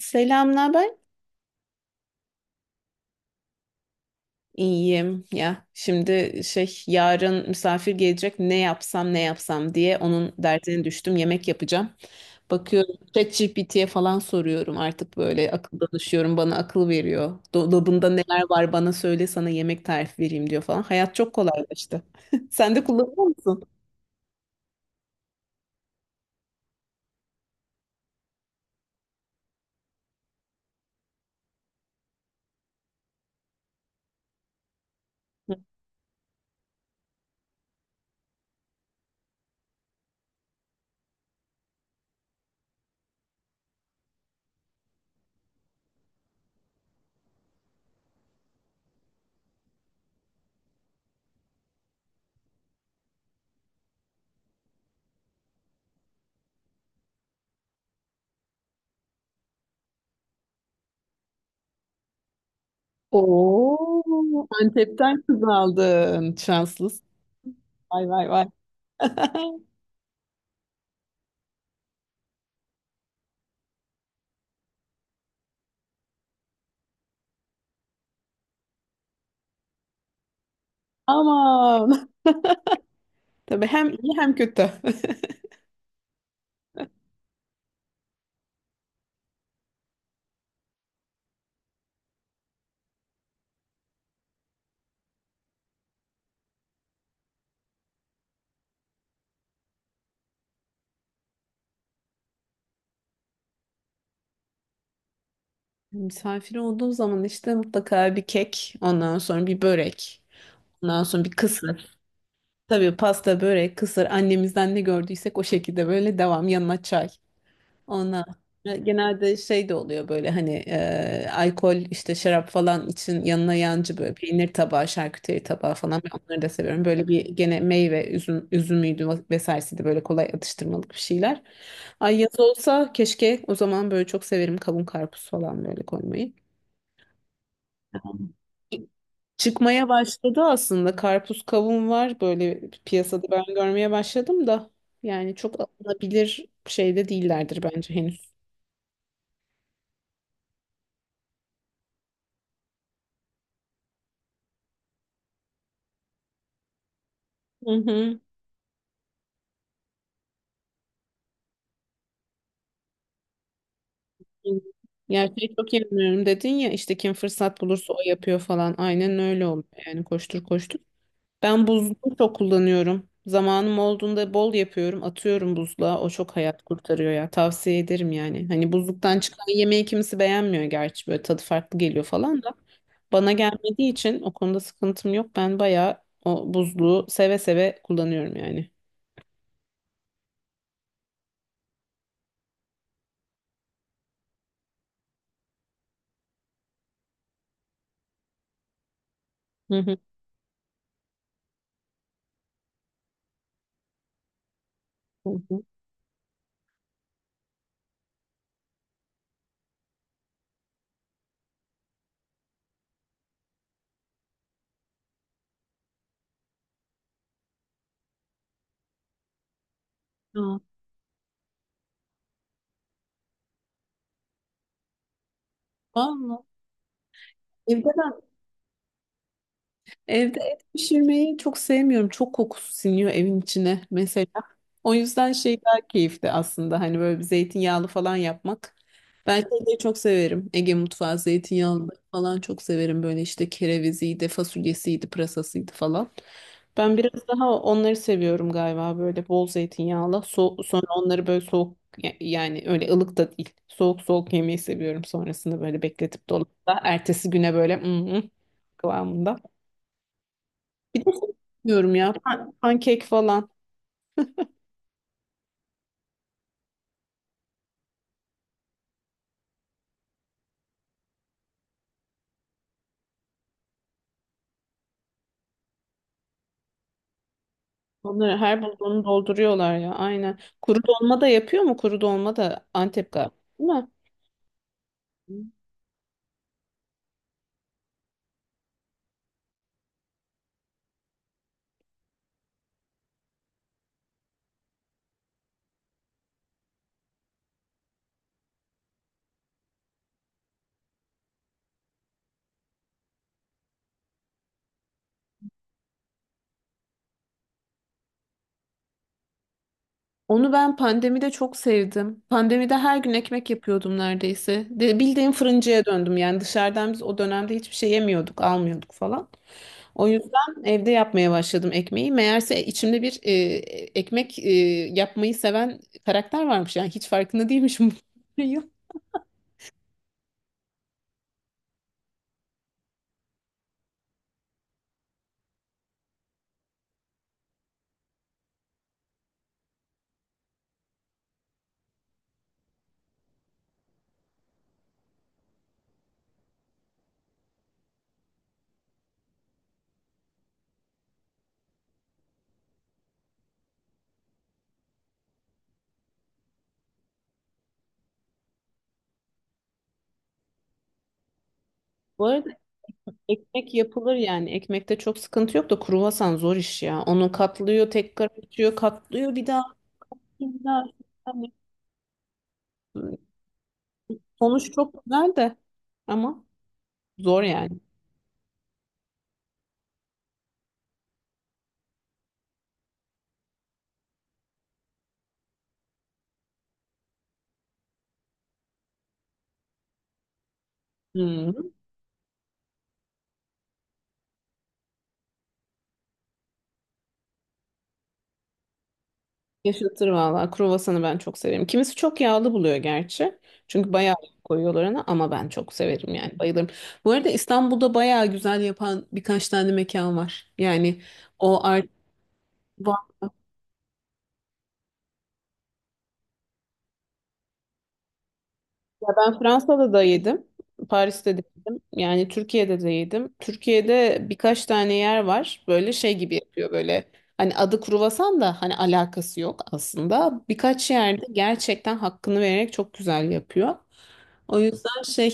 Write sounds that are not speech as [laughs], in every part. Selam, ne haber? İyiyim ya. Şimdi şey yarın misafir gelecek ne yapsam ne yapsam diye onun derdine düştüm. Yemek yapacağım. Bakıyorum ChatGPT'ye falan soruyorum artık böyle akıl danışıyorum bana akıl veriyor. Dolabında neler var bana söyle sana yemek tarifi vereyim diyor falan. Hayat çok kolaylaştı. [laughs] Sen de kullanıyor musun? Oo, Antep'ten kız aldın. Şanslısın. Vay vay vay. [laughs] Aman. Tabii hem iyi hem kötü. [laughs] Misafir olduğu zaman işte mutlaka bir kek, ondan sonra bir börek, ondan sonra bir kısır. Tabii pasta, börek, kısır annemizden ne gördüysek o şekilde böyle devam yanına çay. Ondan sonra genelde şey de oluyor böyle hani alkol işte şarap falan için yanına yancı böyle peynir tabağı, şarküteri tabağı falan ben onları da seviyorum. Böyle bir gene meyve, üzümüydü vesairesiydi böyle kolay atıştırmalık bir şeyler. Ay yaz olsa keşke o zaman böyle çok severim kavun karpuz falan böyle koymayı. Anladım. Çıkmaya başladı aslında. Karpuz kavun var böyle piyasada ben görmeye başladım da. Yani çok alınabilir şeyde değillerdir bence henüz. Hı hı. Ya şey çok inanıyorum dedin ya işte kim fırsat bulursa o yapıyor falan. Aynen öyle oluyor yani koştur koştur. Ben buzluğu çok kullanıyorum. Zamanım olduğunda bol yapıyorum. Atıyorum buzluğa. O çok hayat kurtarıyor ya. Tavsiye ederim yani. Hani buzluktan çıkan yemeği kimisi beğenmiyor gerçi. Böyle tadı farklı geliyor falan da. Bana gelmediği için o konuda sıkıntım yok. Ben bayağı o buzluğu seve seve kullanıyorum yani. Hı hı. Hı hı. Aa, vallahi. Evde de Evde et pişirmeyi çok sevmiyorum. Çok kokusu siniyor evin içine mesela. O yüzden şey daha keyifli aslında. Hani böyle bir zeytinyağlı falan yapmak. Ben şeyleri çok severim. Ege mutfağı zeytinyağlı falan çok severim. Böyle işte kereviziydi, fasulyesiydi, pırasasıydı falan. Ben biraz daha onları seviyorum galiba böyle bol zeytinyağlı. Sonra onları böyle soğuk yani öyle ılık da değil. Soğuk soğuk yemeyi seviyorum sonrasında böyle bekletip dolapta. Ertesi güne böyle mm, kıvamında. Bir de şey diyorum ya pankek falan. Onları her bulduğunu dolduruyorlar ya aynen. Kuru dolma da yapıyor mu? Kuru dolma da Antep galiba değil mi? Onu ben pandemide çok sevdim. Pandemide her gün ekmek yapıyordum neredeyse. De, bildiğim fırıncıya döndüm yani dışarıdan biz o dönemde hiçbir şey yemiyorduk, almıyorduk falan. O yüzden evde yapmaya başladım ekmeği. Meğerse içimde bir ekmek yapmayı seven karakter varmış. Yani hiç farkında değilmişim. [laughs] Bu arada ekmek yapılır yani. Ekmekte çok sıkıntı yok da kruvasan zor iş ya. Onu katlıyor, tekrar açıyor, katlıyor bir daha. Bir daha. Yani sonuç çok güzel de ama. Zor yani. Hmm. Yaşatır valla. Kruvasanı ben çok severim. Kimisi çok yağlı buluyor gerçi. Çünkü bayağı yağ koyuyorlar ona ama ben çok severim yani bayılırım. Bu arada İstanbul'da bayağı güzel yapan birkaç tane mekan var. Yani o art var. Ya ben Fransa'da da yedim. Paris'te de yedim. Yani Türkiye'de de yedim. Türkiye'de birkaç tane yer var. Böyle şey gibi yapıyor böyle. Hani adı kruvasan da hani alakası yok aslında. Birkaç yerde gerçekten hakkını vererek çok güzel yapıyor. O yüzden şey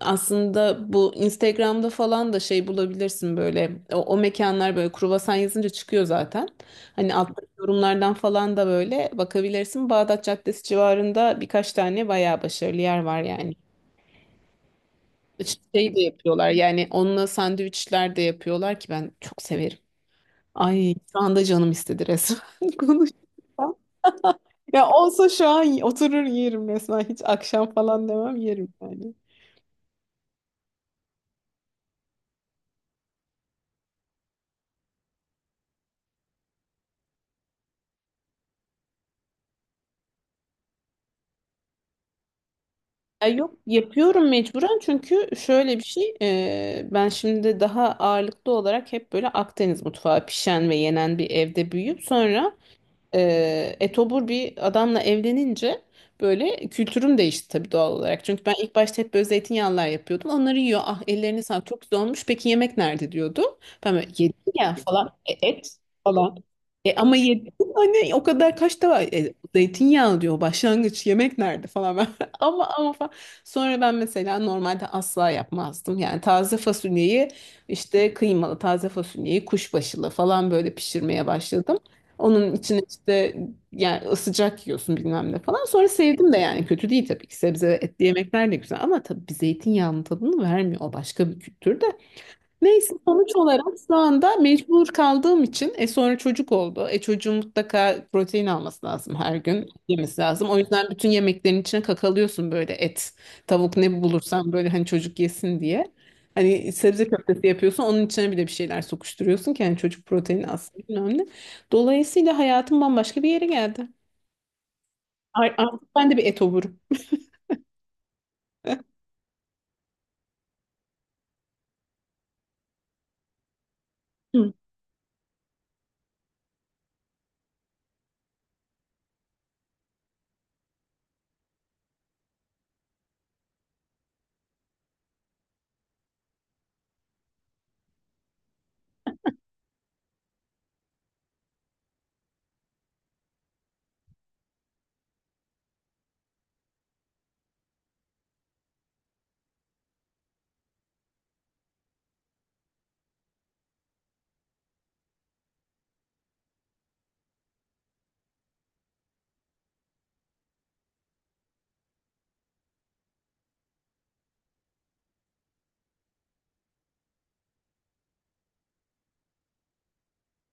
aslında bu Instagram'da falan da şey bulabilirsin böyle o mekanlar böyle kruvasan yazınca çıkıyor zaten. Hani alttaki yorumlardan falan da böyle bakabilirsin. Bağdat Caddesi civarında birkaç tane bayağı başarılı yer var yani. Şey de yapıyorlar yani onunla sandviçler de yapıyorlar ki ben çok severim. Ay şu anda canım istedi resmen [laughs] konuşmaktan. Ya olsa şu an oturur yerim resmen hiç akşam falan demem yerim yani. Ya yok yapıyorum mecburen çünkü şöyle bir şey ben şimdi daha ağırlıklı olarak hep böyle Akdeniz mutfağı pişen ve yenen bir evde büyüyüp sonra etobur bir adamla evlenince böyle kültürüm değişti tabii doğal olarak. Çünkü ben ilk başta hep böyle zeytinyağlılar yapıyordum. Onları yiyor. Ah ellerini sağlık çok güzel olmuş. Peki yemek nerede diyordu. Ben böyle yedim ya falan. E, et falan. E, ama yedim. Hani o kadar kaç da var. E, zeytinyağlı diyor başlangıç yemek nerede falan. Ben, [laughs] ama falan. Sonra ben mesela normalde asla yapmazdım. Yani taze fasulyeyi işte kıymalı taze fasulyeyi kuşbaşılı falan böyle pişirmeye başladım. Onun içine işte yani sıcak yiyorsun bilmem ne falan. Sonra sevdim de yani kötü değil tabii ki. Sebze ve etli yemekler de güzel ama tabii bir zeytinyağının tadını vermiyor. O başka bir kültür de. Neyse sonuç olarak şu anda mecbur kaldığım için sonra çocuk oldu. E çocuğun mutlaka protein alması lazım her gün yemesi lazım. O yüzden bütün yemeklerin içine kakalıyorsun böyle et, tavuk ne bulursan böyle hani çocuk yesin diye. Hani sebze köftesi yapıyorsun onun içine bile bir şeyler sokuşturuyorsun ki hani çocuk proteini aslında önemli. Dolayısıyla hayatım bambaşka bir yere geldi. Ay, artık ben de bir et ovurum. Hı.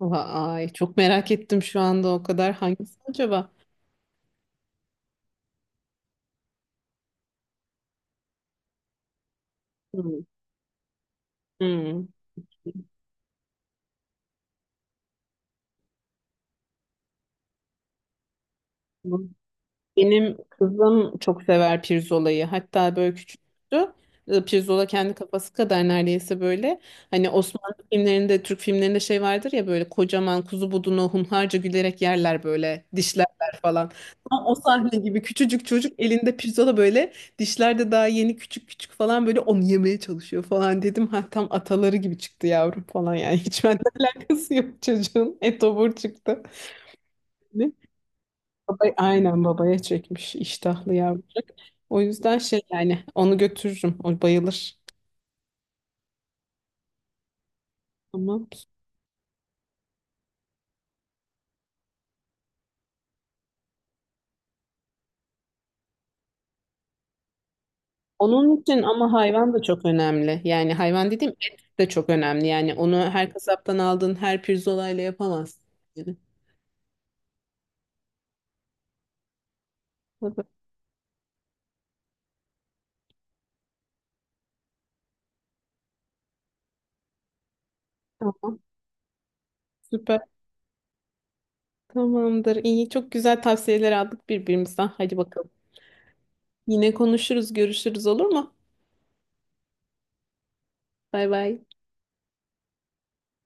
Vay çok merak ettim şu anda o kadar hangisi acaba? Hı. Hı. Benim kızım çok sever pirzolayı. Hatta böyle küçüktü. E, pirzola kendi kafası kadar neredeyse böyle. Hani Osmanlı filmlerinde, Türk filmlerinde şey vardır ya böyle kocaman kuzu budunu hunharca gülerek yerler böyle dişlerler falan. Tam o sahne gibi küçücük çocuk elinde pirzola böyle dişler de daha yeni küçük küçük falan böyle onu yemeye çalışıyor falan dedim. Ha tam ataları gibi çıktı yavrum falan yani. Hiç benden [laughs] alakası yok çocuğun. Etobur çıktı. Baba, aynen babaya çekmiş iştahlı yavrucak. O yüzden şey yani onu götürürüm. O bayılır. Tamam. Onun için ama hayvan da çok önemli. Yani hayvan dediğim et de çok önemli. Yani onu her kasaptan aldığın her pirzolayla yapamazsın. Yani. Baba, tamam. Süper. Tamamdır. İyi. Çok güzel tavsiyeler aldık birbirimizden. Hadi bakalım. Yine konuşuruz, görüşürüz olur mu? Bay bay.